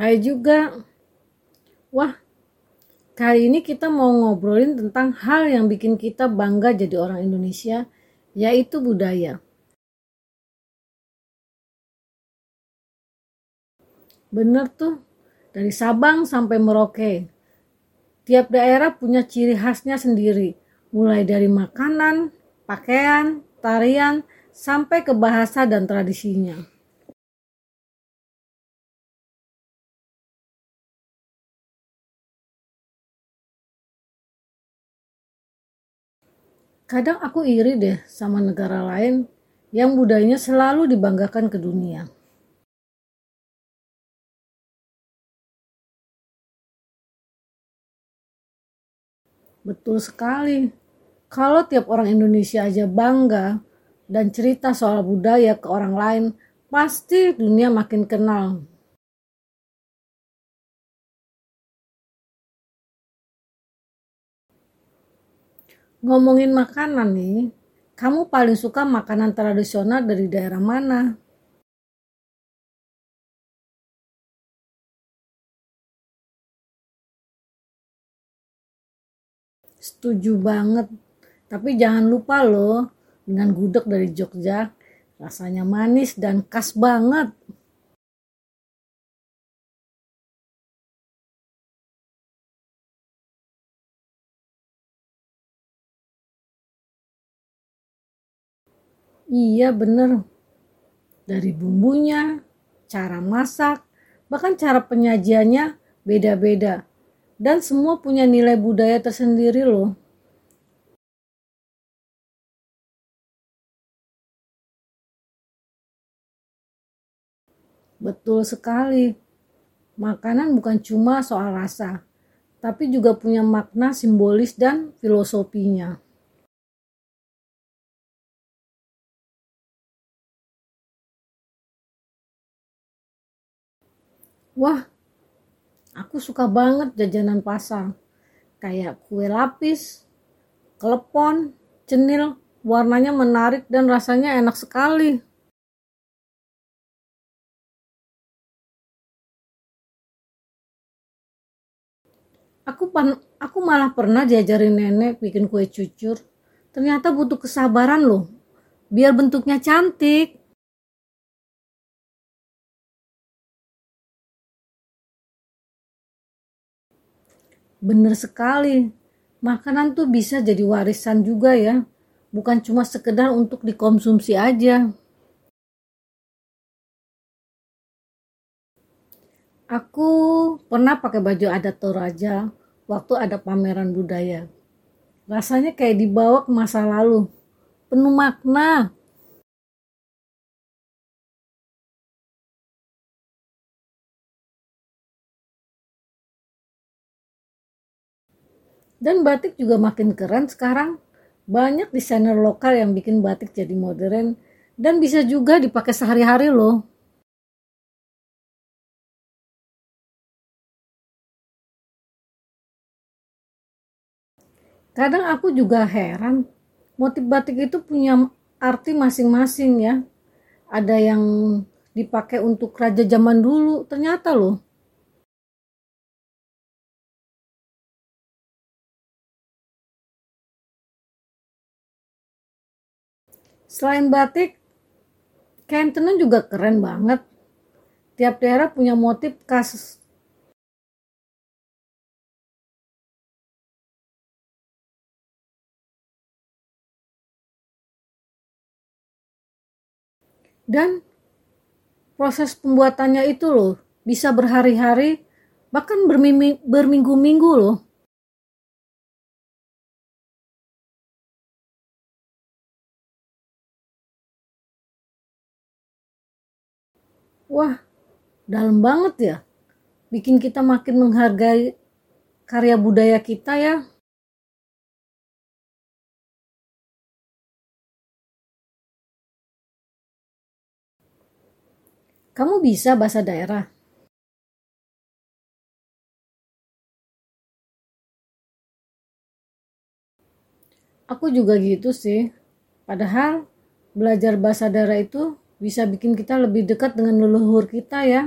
Hai juga. Wah, kali ini kita mau ngobrolin tentang hal yang bikin kita bangga jadi orang Indonesia, yaitu budaya. Bener tuh, dari Sabang sampai Merauke. Tiap daerah punya ciri khasnya sendiri, mulai dari makanan, pakaian, tarian, sampai ke bahasa dan tradisinya. Kadang aku iri deh sama negara lain yang budayanya selalu dibanggakan ke dunia. Betul sekali. Kalau tiap orang Indonesia aja bangga dan cerita soal budaya ke orang lain, pasti dunia makin kenal. Ngomongin makanan nih, kamu paling suka makanan tradisional dari daerah mana? Setuju banget. Tapi jangan lupa loh, dengan gudeg dari Jogja, rasanya manis dan khas banget. Iya bener, dari bumbunya, cara masak, bahkan cara penyajiannya beda-beda. Dan semua punya nilai budaya tersendiri loh. Betul sekali. Makanan bukan cuma soal rasa, tapi juga punya makna simbolis dan filosofinya. Wah, aku suka banget jajanan pasar. Kayak kue lapis, klepon, cenil, warnanya menarik dan rasanya enak sekali. Aku malah pernah diajarin nenek bikin kue cucur. Ternyata butuh kesabaran loh. Biar bentuknya cantik. Bener sekali. Makanan tuh bisa jadi warisan juga ya. Bukan cuma sekedar untuk dikonsumsi aja. Aku pernah pakai baju adat Toraja waktu ada pameran budaya. Rasanya kayak dibawa ke masa lalu. Penuh makna. Dan batik juga makin keren sekarang. Banyak desainer lokal yang bikin batik jadi modern dan bisa juga dipakai sehari-hari loh. Kadang aku juga heran, motif batik itu punya arti masing-masing ya. Ada yang dipakai untuk raja zaman dulu, ternyata loh. Selain batik, kain tenun juga keren banget. Tiap daerah punya motif khas dan proses pembuatannya itu loh bisa berhari-hari bahkan berminggu-minggu loh. Wah, dalam banget ya. Bikin kita makin menghargai karya budaya kita ya. Kamu bisa bahasa daerah. Aku juga gitu sih. Padahal belajar bahasa daerah itu bisa bikin kita lebih dekat dengan leluhur kita ya.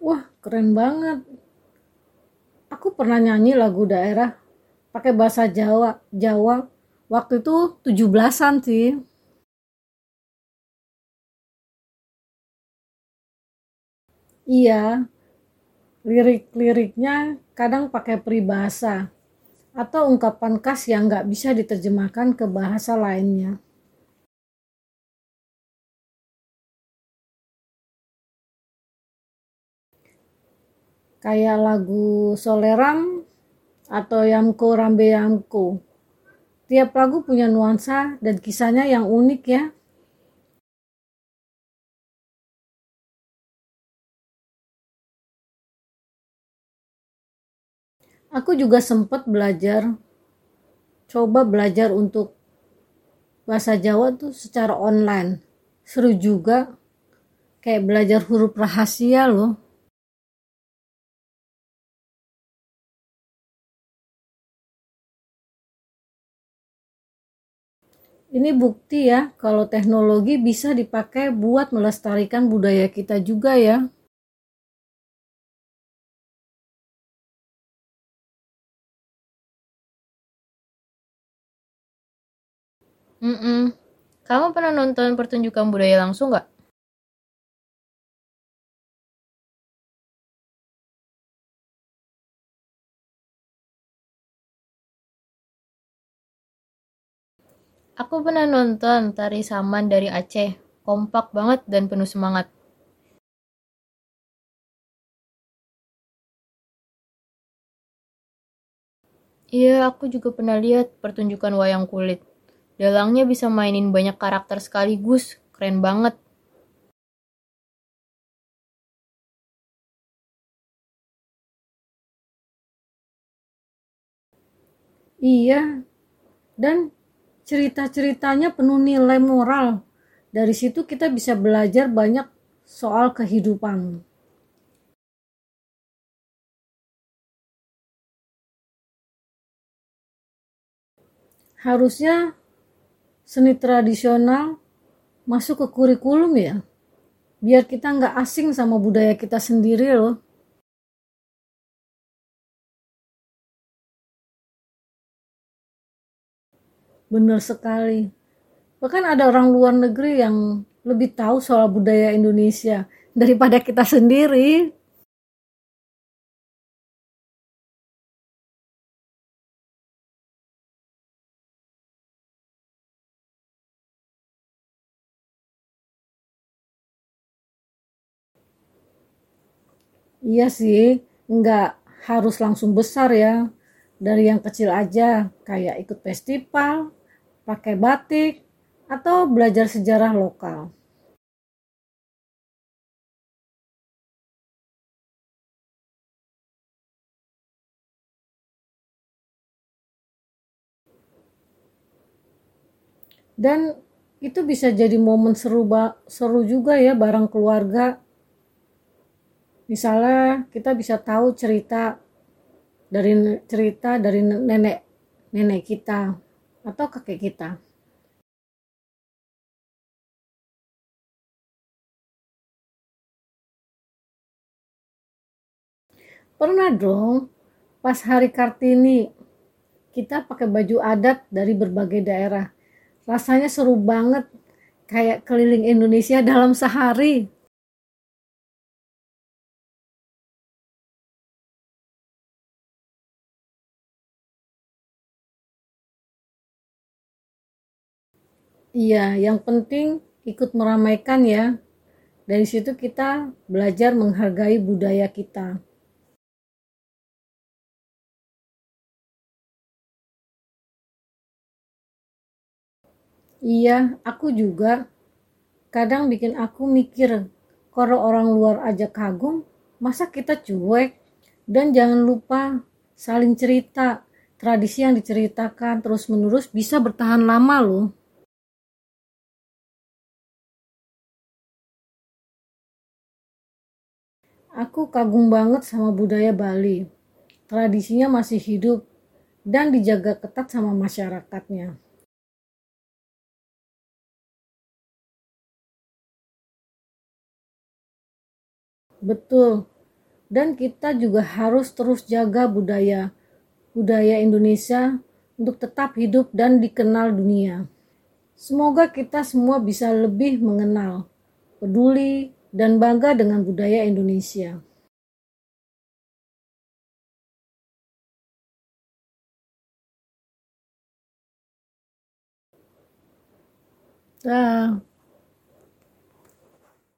Wah, keren banget. Aku pernah nyanyi lagu daerah pakai bahasa Jawa waktu itu 17-an sih. Iya, lirik-liriknya kadang pakai peribahasa, atau ungkapan khas yang nggak bisa diterjemahkan ke bahasa lainnya. Kayak lagu Soleram atau Yamko Rambe Yamko. Tiap lagu punya nuansa dan kisahnya yang unik ya. Aku juga coba belajar untuk bahasa Jawa tuh secara online. Seru juga, kayak belajar huruf rahasia loh. Ini bukti ya kalau teknologi bisa dipakai buat melestarikan budaya kita juga ya. Mm-mm, Kamu pernah nonton pertunjukan budaya langsung nggak? Aku pernah nonton tari saman dari Aceh. Kompak banget dan penuh semangat. Iya, aku juga pernah lihat pertunjukan wayang kulit. Dalangnya bisa mainin banyak karakter sekaligus. Keren banget. Iya, dan cerita-ceritanya penuh nilai moral. Dari situ kita bisa belajar banyak soal kehidupan. Harusnya seni tradisional masuk ke kurikulum ya, biar kita nggak asing sama budaya kita sendiri loh. Bener sekali, bahkan ada orang luar negeri yang lebih tahu soal budaya Indonesia daripada kita sendiri. Iya sih, nggak harus langsung besar ya, dari yang kecil aja kayak ikut festival, pakai batik, atau belajar sejarah lokal. Dan itu bisa jadi momen seru seru juga ya bareng keluarga. Misalnya kita bisa tahu dari cerita dari nenek nenek kita atau kakek kita. Pernah dong pas hari Kartini kita pakai baju adat dari berbagai daerah. Rasanya seru banget, kayak keliling Indonesia dalam sehari. Iya, yang penting ikut meramaikan ya. Dari situ kita belajar menghargai budaya kita. Iya, aku juga. Kadang bikin aku mikir, kalau orang luar aja kagum, masa kita cuek? Dan jangan lupa saling cerita. Tradisi yang diceritakan terus-menerus bisa bertahan lama loh. Aku kagum banget sama budaya Bali. Tradisinya masih hidup dan dijaga ketat sama masyarakatnya. Betul. Dan kita juga harus terus jaga budaya budaya Indonesia untuk tetap hidup dan dikenal dunia. Semoga kita semua bisa lebih mengenal, peduli, dan bangga dengan budaya Indonesia. Dah.